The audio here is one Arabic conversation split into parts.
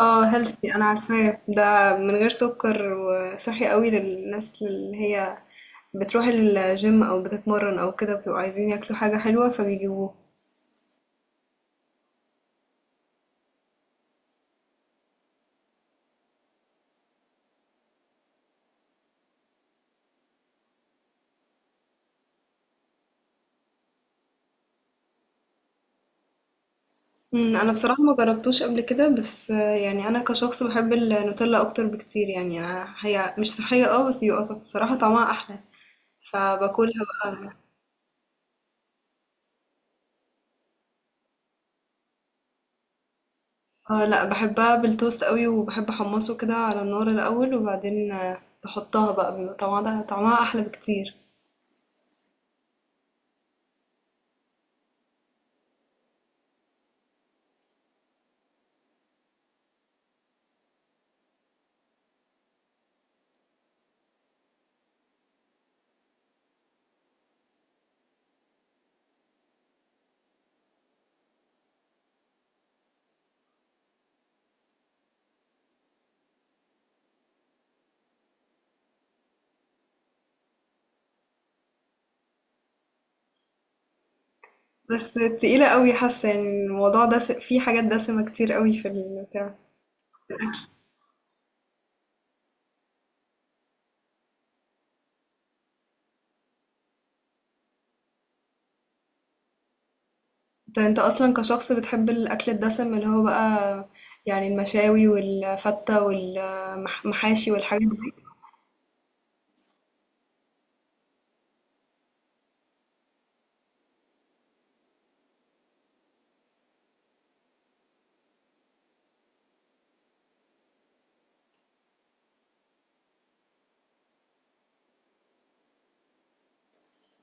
اه هيلثي انا عارفاه ده من غير سكر وصحي قوي للناس اللي هي بتروح الجيم او بتتمرن او كده بتبقوا عايزين ياكلوا حاجة حلوة فبيجيبوه. انا بصراحة ما جربتوش قبل كده بس يعني انا كشخص بحب النوتيلا اكتر بكتير، يعني انا هي مش صحية اه بس يبقى بصراحة طعمها احلى، فباكلها بقى. اه لا، بحبها بالتوست قوي وبحب احمصه كده على النار الاول وبعدين بحطها بقى، بيبقى طعمها طعمها احلى بكتير. بس تقيلة قوي حاسة، يعني الموضوع ده فيه حاجات دسمة كتير قوي في البتاع. انت اصلا كشخص بتحب الاكل الدسم اللي هو بقى، يعني المشاوي والفتة والمحاشي والحاجات دي.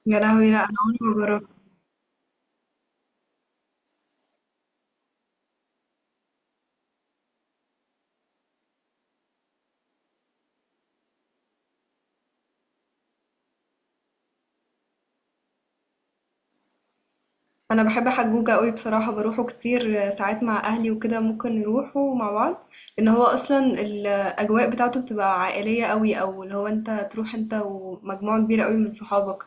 يا لهوي، لا انا عمري ما جربت. أنا باحب حجوجة أوي بصراحة، باروحه كتير ساعات مع أهلي وكده، ممكن نروحه مع بعض، لإن هو أصلًا الأجواء بتاعته بتبقى عائلية أوي، أو اللي هو أنت تروح أنت ومجموعة كبيرة أوي من صحابك،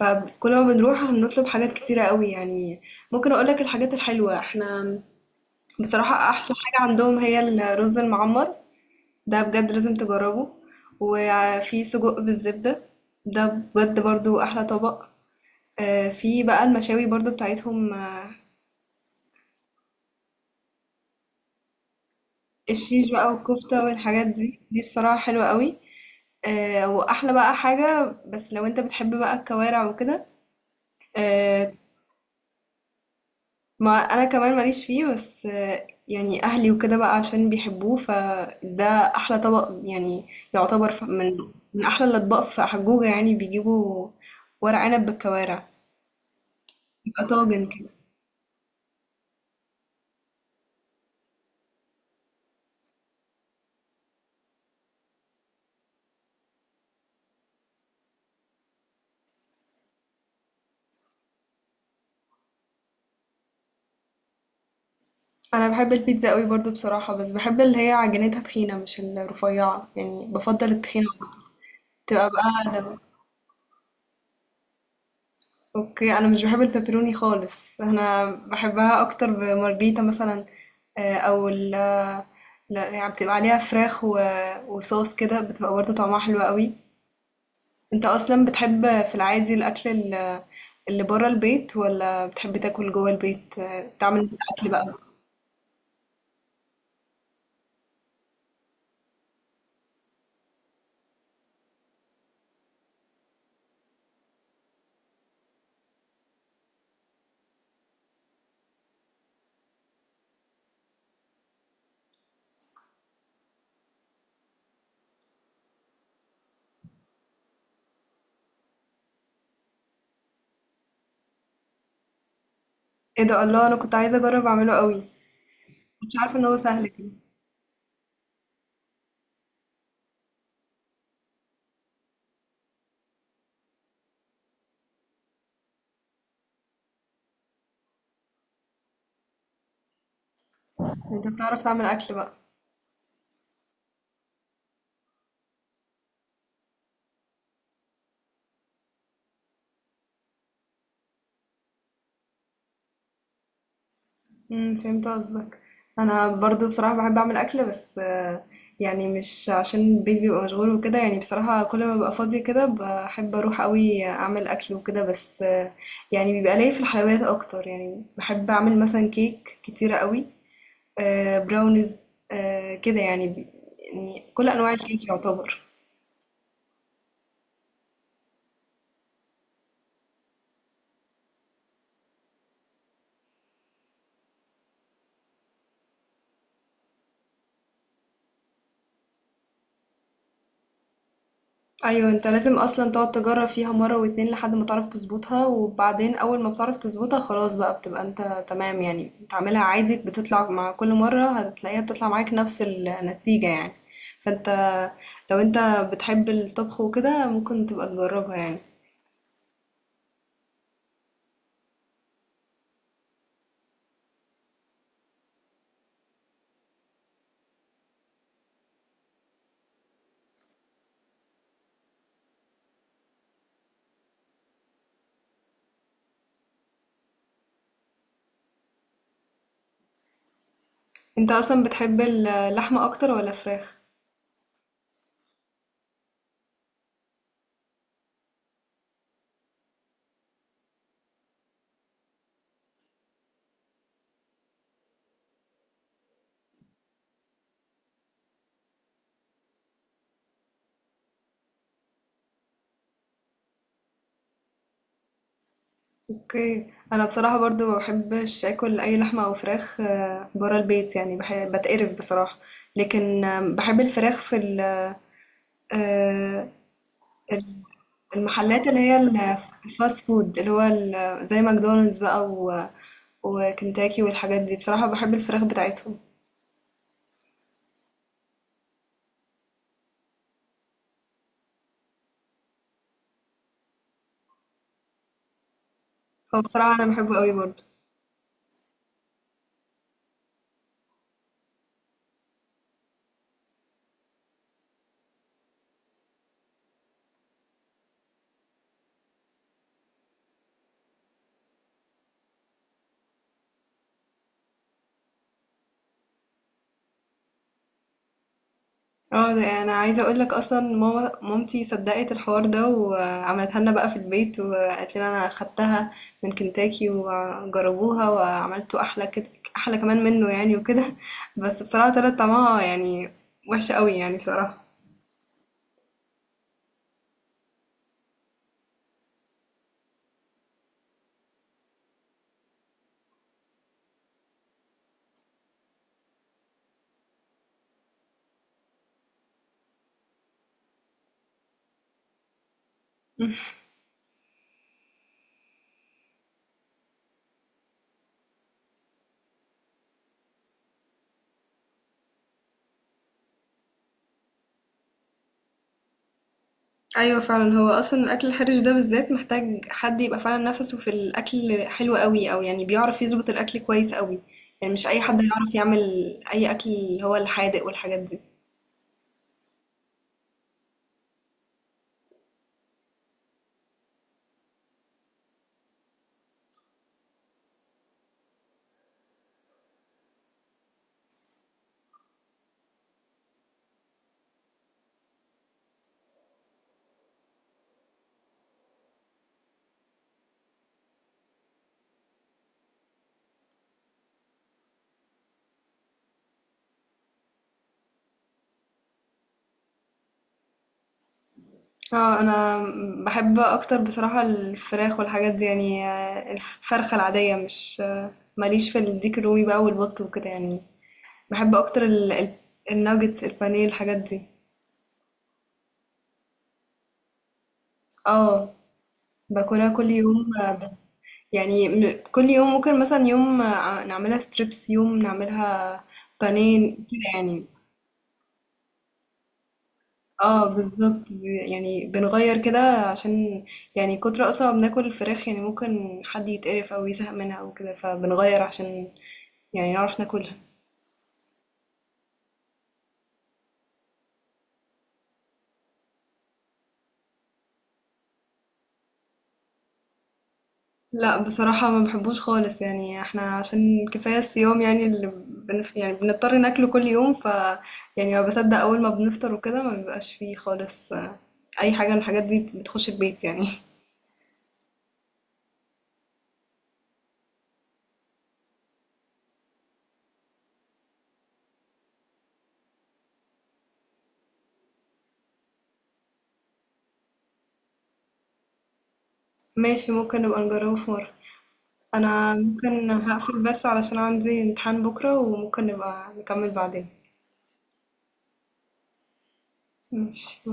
فكل ما بنروح بنطلب حاجات كتيرة أوي. يعني ممكن أقول لك الحاجات الحلوة، إحنا بصراحة أحلى حاجة عندهم هي الرز المعمر، ده بجد لازم تجربه، وفي سجق بالزبدة، ده بجد برضه أحلى طبق، في بقى المشاوي برضه بتاعتهم الشيش بقى والكفتة والحاجات دي، دي بصراحة حلوة قوي. آه، وأحلى بقى حاجة بس لو أنت بتحب بقى الكوارع وكده، آه. ما أنا كمان ماليش فيه، بس آه يعني أهلي وكده بقى عشان بيحبوه فده أحلى طبق يعني، يعتبر من من أحلى الأطباق في حجوجة، يعني بيجيبوا ورق عنب بالكوارع، يبقى طاجن كده. أنا بحب البيتزا قوي برضو بصراحة، بس بحب اللي هي عجينتها تخينة مش الرفيعة، يعني بفضل التخينة أكتر. تبقى بقى، اوكي انا مش بحب البيبروني خالص، انا بحبها اكتر بمارجريتا مثلا، او لا يعني بتبقى عليها فراخ وصوص كده، بتبقى برضه طعمها حلو قوي. انت اصلا بتحب في العادي الاكل ال- اللي بره البيت ولا بتحب تاكل جوه البيت، تعمل انت اكل بقى؟ ايه ده، الله، انا كنت عايزه اجرب اعمله قوي. مش عارفه ان هو سهل كده. انت بتعرف تعمل اكل بقى؟ إمم، فهمت قصدك. أنا برضه بصراحة باحب أعمل أكل بس يعني مش عشان البيت بيبقى مشغول وكده، يعني بصراحة كل ما بابقى فاضية كده باحب أروح أوي أعمل أكل وكده، بس يعني بيبقى ليّا في الحلويات أكتر، يعني باحب أعمل مثلًا كيك كتيرة أوي، براونيز، كده يعني ب، يعني كل أنواع الكيك يعتبر. ايوه، انت لازم اصلا تقعد تجرب فيها مره واتنين لحد ما تعرف تظبطها، وبعدين اول ما بتعرف تظبطها خلاص بقى بتبقى انت تمام، يعني بتعملها عادي بتطلع، مع كل مره هتلاقيها بتطلع معاك نفس النتيجه يعني. فانت لو انت بتحب الطبخ وكده ممكن تبقى تجربها يعني. انت اصلا بتحب اللحمه اكتر ولا فراخ؟ اوكي، انا بصراحه برضو ما بحبش اكل اي لحمه او فراخ برا البيت، يعني بحب بتقرف بصراحه. لكن بحب الفراخ في ال، آه، المحلات الفاست فود زي ماكدونالدز بقى وكنتاكي والحاجات دي، بصراحة بحب الفراخ بتاعتهم. هو بصراحة انا بحبه قوي برضه. اه ده انا عايزة اقول لك، اصلا مامتي صدقت الحوار ده وعملتها لنا بقى في البيت وقالت لنا انا خدتها من كنتاكي، وجربوها وعملته احلى كده، احلى كمان منه يعني وكده بس بصراحة طلعت طعمها يعني وحشة قوي يعني بصراحة. أيوه فعلًا، هو أصلًا الأكل الحرِش ده بالذات محتاج حد يبقى فعلًا نَفَسه في الأكل حلو أوي، أو يعني بيعرف يضبط الأكل كويس أوي، يعني مش أي حد هيعرف يعمل أي أكل اللي هو الحادق والحاجات دي. أنا باحب أكتر بصراحة الفراخ والحاجات دي، يعني الفرخة العادية مش، ما ليش في الديك الرومي بقى والبط وكده يعني، باحب أكتر ال الnuggets البانيه الحاجات دي. آه. باكلها كل يوم. بس يعني كل يوم ممكن مثلا يوم نعملها ستريبس، يوم نعملها بانيه كده يعني. اه بالظبط يعني بنغير كده، عشان يعني كتر اصلا ما بناكل الفراخ، يعني ممكن حد يتقرف او يزهق منها او كده، فبنغير عشان يعني نعرف ناكلها. لأ بصراحة ما باحبوش خالص، يعني إحنا عشان كفاية الصيام يعني اللي بنف، يعني بنضطر ناكله كل يوم، ف يعني ما باصدق أول ما بنفطر وكده ما بيبقاش فيه خالص أي حاجة من الحاجات دي بتخش البيت يعني. ماشي، ممكن نبقى نجربه في مرة. أنا ممكن هاقفل بس علشان عندي امتحان بكرة، وممكن نبقى نكمل بعدين. ماشي.